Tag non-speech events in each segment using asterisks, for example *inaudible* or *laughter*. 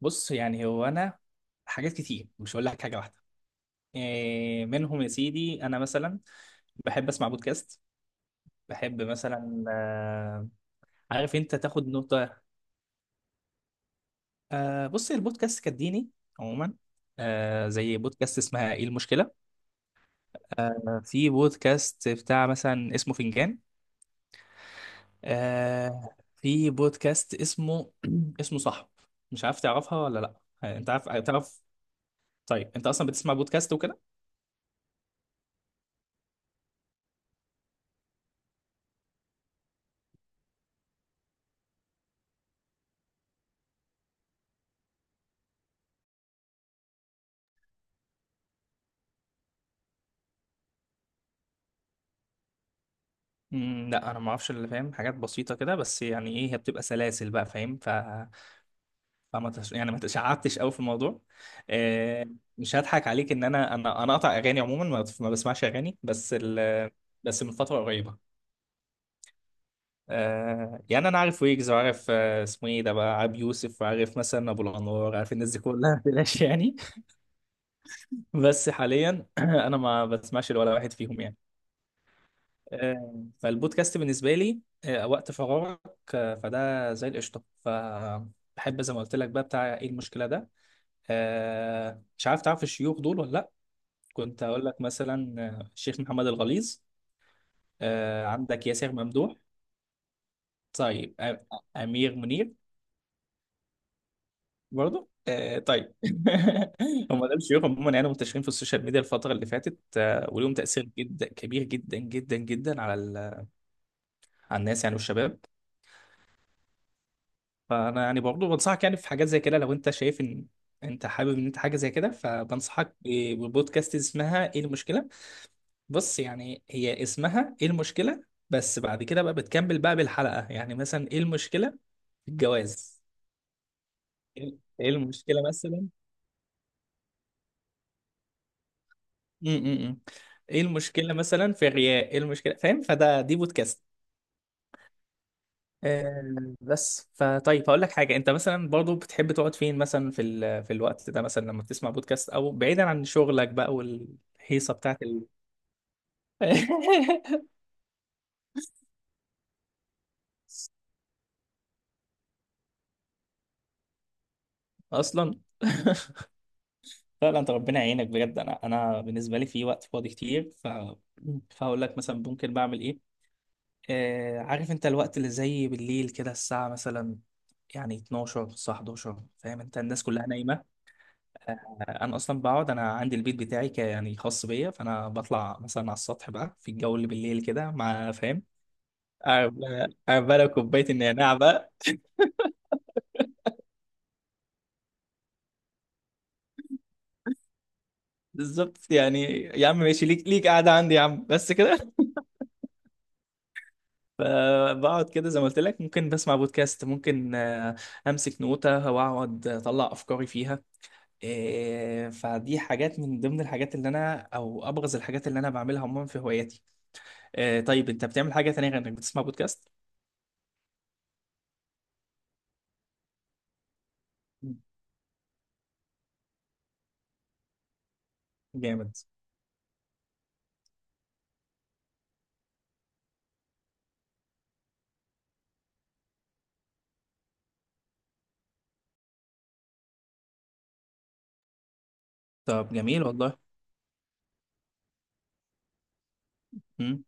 بص، يعني هو انا حاجات كتير. مش هقول لك حاجه واحده. إيه منهم يا سيدي. انا مثلا بحب اسمع بودكاست. بحب مثلا عارف انت تاخد نقطه. بص، البودكاست كديني عموما. زي بودكاست اسمها ايه المشكله. في بودكاست بتاع مثلا اسمه فنجان. آه في بودكاست اسمه *clears throat* اسمه صح. مش عارف تعرفها ولا لا. انت عارف تعرف؟ طيب انت اصلا بتسمع بودكاست وكده؟ مم، لا انا ما اعرفش اللي فاهم. حاجات بسيطه كده بس، يعني ايه، هي بتبقى سلاسل بقى، فاهم. يعني ما تشعبتش قوي في الموضوع. آه، مش هضحك عليك، ان انا قاطع اغاني عموما. ما بسمعش اغاني. بس من فتره قريبه. يعني انا عارف ويجز، وعارف اسمه ايه ده بقى، عبد يوسف، وعارف مثلا ابو الانوار. عارف الناس دي كلها، بلاش يعني. *laughs* بس حاليا *clears throat* انا ما بسمعش ولا واحد فيهم يعني. فالبودكاست بالنسبة لي، وقت فراغك، فده زي القشطة. فبحب زي ما قلت لك بقى بتاع ايه المشكلة ده. مش عارف تعرف الشيوخ دول ولا لأ؟ كنت هقول لك مثلا الشيخ محمد الغليظ، عندك ياسر ممدوح. طيب أمير منير. برضه طيب. *laughs* هم دول الشيوخ عموما، يعني منتشرين في السوشيال ميديا الفترة اللي فاتت. وليهم تأثير جدا كبير، جدا جدا جدا، على الناس يعني والشباب. فانا يعني برضه بنصحك، يعني في حاجات زي كده، لو انت شايف ان انت حابب ان انت حاجه زي كده، فبنصحك ببودكاست اسمها ايه المشكله. بص يعني هي اسمها ايه المشكله، بس بعد كده بقى بتكمل بقى بالحلقه. يعني مثلا ايه المشكله في الجواز، ايه إيه المشكله مثلا. م -م -م. ايه المشكله مثلا في الرياء، ايه المشكله، فاهم؟ فده دي بودكاست. آه، بس فطيب هقول لك حاجه. انت مثلا برضو بتحب تقعد فين مثلا في الوقت ده، مثلا لما بتسمع بودكاست، او بعيدا عن شغلك بقى، والهيصه *laughs* اصلا. *laughs* فعلا انت ربنا يعينك بجد. انا، انا بالنسبه لي في وقت فاضي كتير، ف فهقول لك مثلا ممكن بعمل ايه. عارف انت الوقت اللي زي بالليل كده، الساعه مثلا يعني 12، الساعه 11، فاهم انت، الناس كلها نايمه. انا اصلا بقعد، انا عندي البيت بتاعي، يعني خاص بيا، فانا بطلع مثلا على السطح بقى في الجو اللي بالليل كده، مع، فاهم؟ اعمل لك كوبايه النعناع بقى. بالظبط يعني يا عم، ماشي ليك، ليك قاعده عندي يا عم بس كده. *laughs* فبقعد كده زي ما قلت لك، ممكن بسمع بودكاست، ممكن امسك نوتة واقعد اطلع افكاري فيها. فدي حاجات من ضمن الحاجات اللي انا، او ابرز الحاجات اللي انا بعملها عموما في هواياتي. طيب انت بتعمل حاجه تانية غير انك بتسمع بودكاست؟ جامد. طب جميل والله. مم.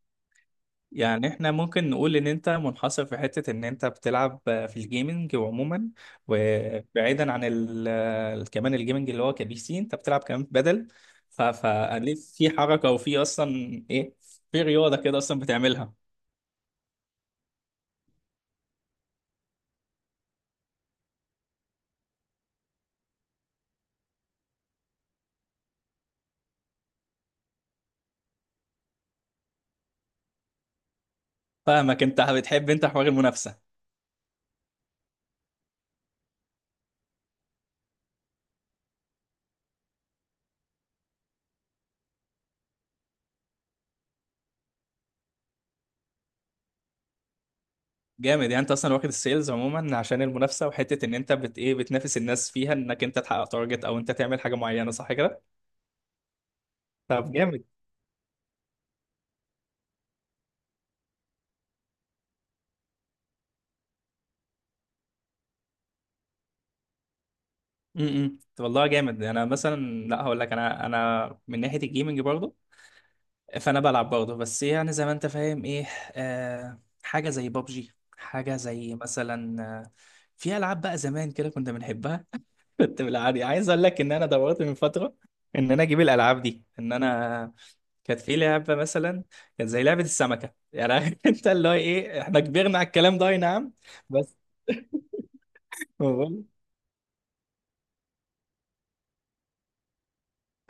يعني احنا ممكن نقول ان انت منحصر في حتة ان انت بتلعب في الجيمنج عموما، وبعيدا عن ال كمان الجيمنج اللي هو كبي سي، انت بتلعب كمان بدل. فليه في حركة، وفي اصلا ايه، في رياضة كده اصلا بتعملها. فاهمك، انت بتحب انت حوار المنافسة. جامد. يعني انت اصلا واخد السيلز عموما عشان المنافسة، وحتة ان انت بت ايه، بتنافس الناس فيها انك انت تحقق تارجت، او انت تعمل حاجة معينة، صح كده؟ طب جامد. امم، والله جامد. انا مثلا، لا هقول لك، انا، انا من ناحيه الجيمنج برضه، فانا بلعب برضه، بس يعني زي ما انت فاهم ايه، حاجه زي بابجي، حاجه زي مثلا في العاب بقى زمان كده كنا بنحبها. *laughs* كنت بالعادي عايز اقول لك ان انا دورت من فتره ان انا اجيب الالعاب دي، ان انا كانت في لعبه مثلا، كانت زي لعبه السمكه يعني. *laughs* انت اللي هو ايه، احنا كبرنا على الكلام ده، اي نعم، بس هو-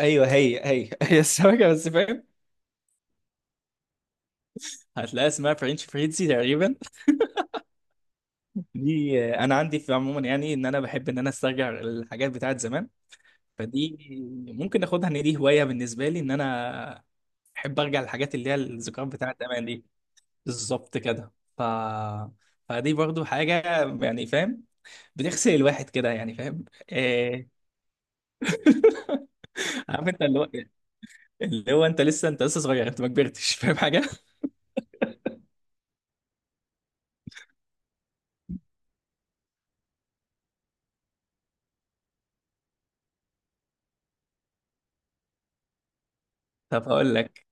ايوه، هي *laughs* هي السمكه بس، فاهم. هتلاقيها اسمها فرنش فريتزي تقريبا. *laughs* دي انا عندي في عموما يعني، ان انا بحب ان انا استرجع الحاجات بتاعت زمان. فدي ممكن اخدها ان دي هوايه بالنسبه لي، ان انا احب ارجع للحاجات اللي هي الذكريات بتاعت زمان دي. بالظبط كده. ف فدي برضو حاجه، يعني فاهم، بتغسل الواحد كده، يعني فاهم. آه، *laughs* عارف انت اللي هو، انت لسه صغير، انت ما كبرتش، فاهم حاجه. *laughs* طب هقول لك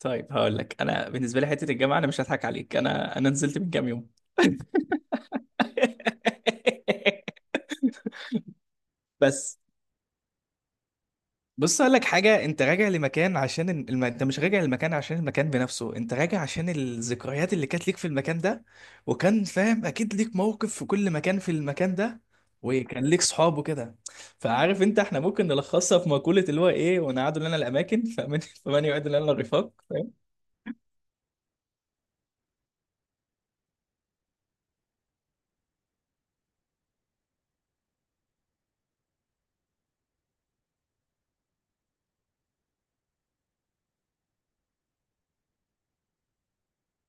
طيب هقول لك، انا بالنسبه لي حته الجامعه، انا مش هضحك عليك، انا نزلت من كام يوم. *laughs* *laughs* بس بص اقول لك حاجه، انت راجع لمكان عشان انت مش راجع للمكان عشان المكان بنفسه، انت راجع عشان الذكريات اللي كانت ليك في المكان ده، وكان فاهم اكيد ليك موقف في كل مكان، في المكان ده، وكان ليك صحاب وكده. فعارف انت، احنا ممكن نلخصها في مقوله، اللي هو ايه، ونقعدوا لنا الاماكن، فمن *laughs* فمن يعد لنا الرفاق.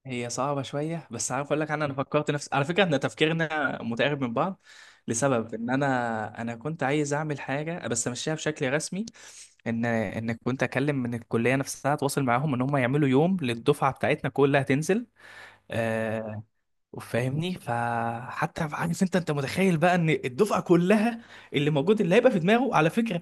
هي صعبة شوية، بس عارف أقول لك، أنا فكرت نفس، على فكرة إحنا تفكيرنا متقارب من بعض، لسبب إن أنا كنت عايز أعمل حاجة بس أمشيها بشكل رسمي. إن كنت أكلم من الكلية نفسها، أتواصل معاهم إن هم يعملوا يوم للدفعة بتاعتنا كلها تنزل. آه فاهمني. فحتى عارف أنت متخيل بقى إن الدفعة كلها، اللي موجود اللي هيبقى في دماغه، على فكرة،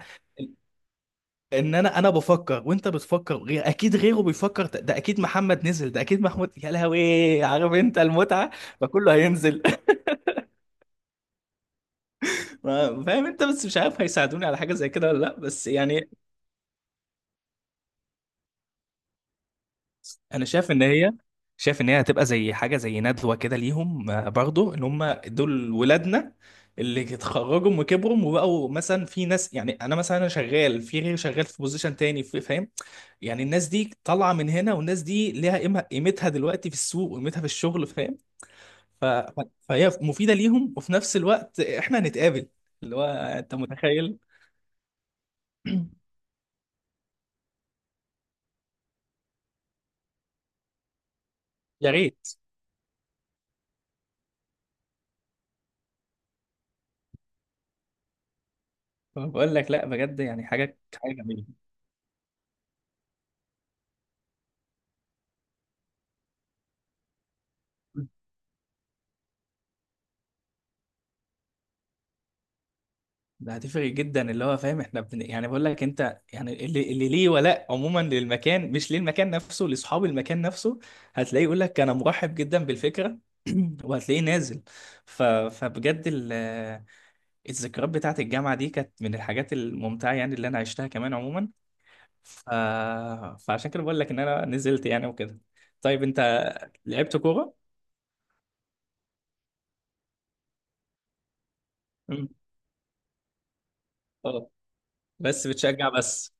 ان انا بفكر وانت بتفكر غير، اكيد غيره بيفكر ده اكيد محمد نزل، ده اكيد محمود، يا لهوي، عارف انت المتعه. فكله هينزل. *laughs* فاهم انت، بس مش عارف هيساعدوني على حاجه زي كده ولا لا، بس يعني. انا شايف ان هي هتبقى زي حاجه زي ندوه كده ليهم، برضو ان هم دول ولادنا اللي اتخرجوا وكبروا وبقوا، مثلا في ناس، يعني انا مثلا انا شغال في غيري شغال في بوزيشن تاني، فاهم، يعني الناس دي طالعه من هنا، والناس دي ليها قيمة، قيمتها دلوقتي في السوق، وقيمتها في الشغل، فاهم. فهي مفيده ليهم، وفي نفس الوقت احنا هنتقابل، اللي هو انت متخيل. *clears throat* يا ريت. بقول لك لا، بجد يعني حاجه، حاجه جميله. ده هتفرق جدا، اللي هو فاهم احنا يعني بقول لك انت، يعني اللي ليه ولاء عموما للمكان، مش للمكان نفسه، لاصحاب المكان نفسه. هتلاقيه يقول لك انا مرحب جدا بالفكره. *clears throat* وهتلاقيه نازل. فبجد الذكريات بتاعت الجامعه دي كانت من الحاجات الممتعه، يعني اللي انا عشتها كمان عموما. ف... فعشان كده بقول لك ان انا نزلت يعني وكده. طيب انت لعبت كوره؟ مم. اه، بس بتشجع بس؟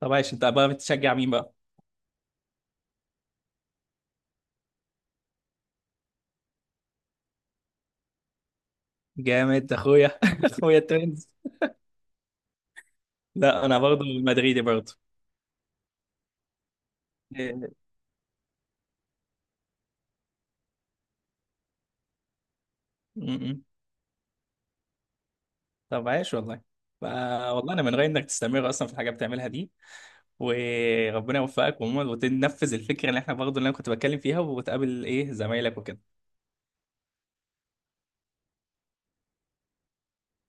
طب عايش، انت بقى بتشجع مين بقى؟ جامد، اخويا. *laughs* اخويا التوينز. لا، انا برضه مدريدي برضه. إيه. م-م. طب عايش والله. ف- والله انا من رايي انك تستمر اصلا في الحاجه بتعملها دي، وربنا يوفقك، وتنفذ الفكره اللي احنا برضه، اللي انا كنت بتكلم فيها، وتقابل ايه زمايلك وكده.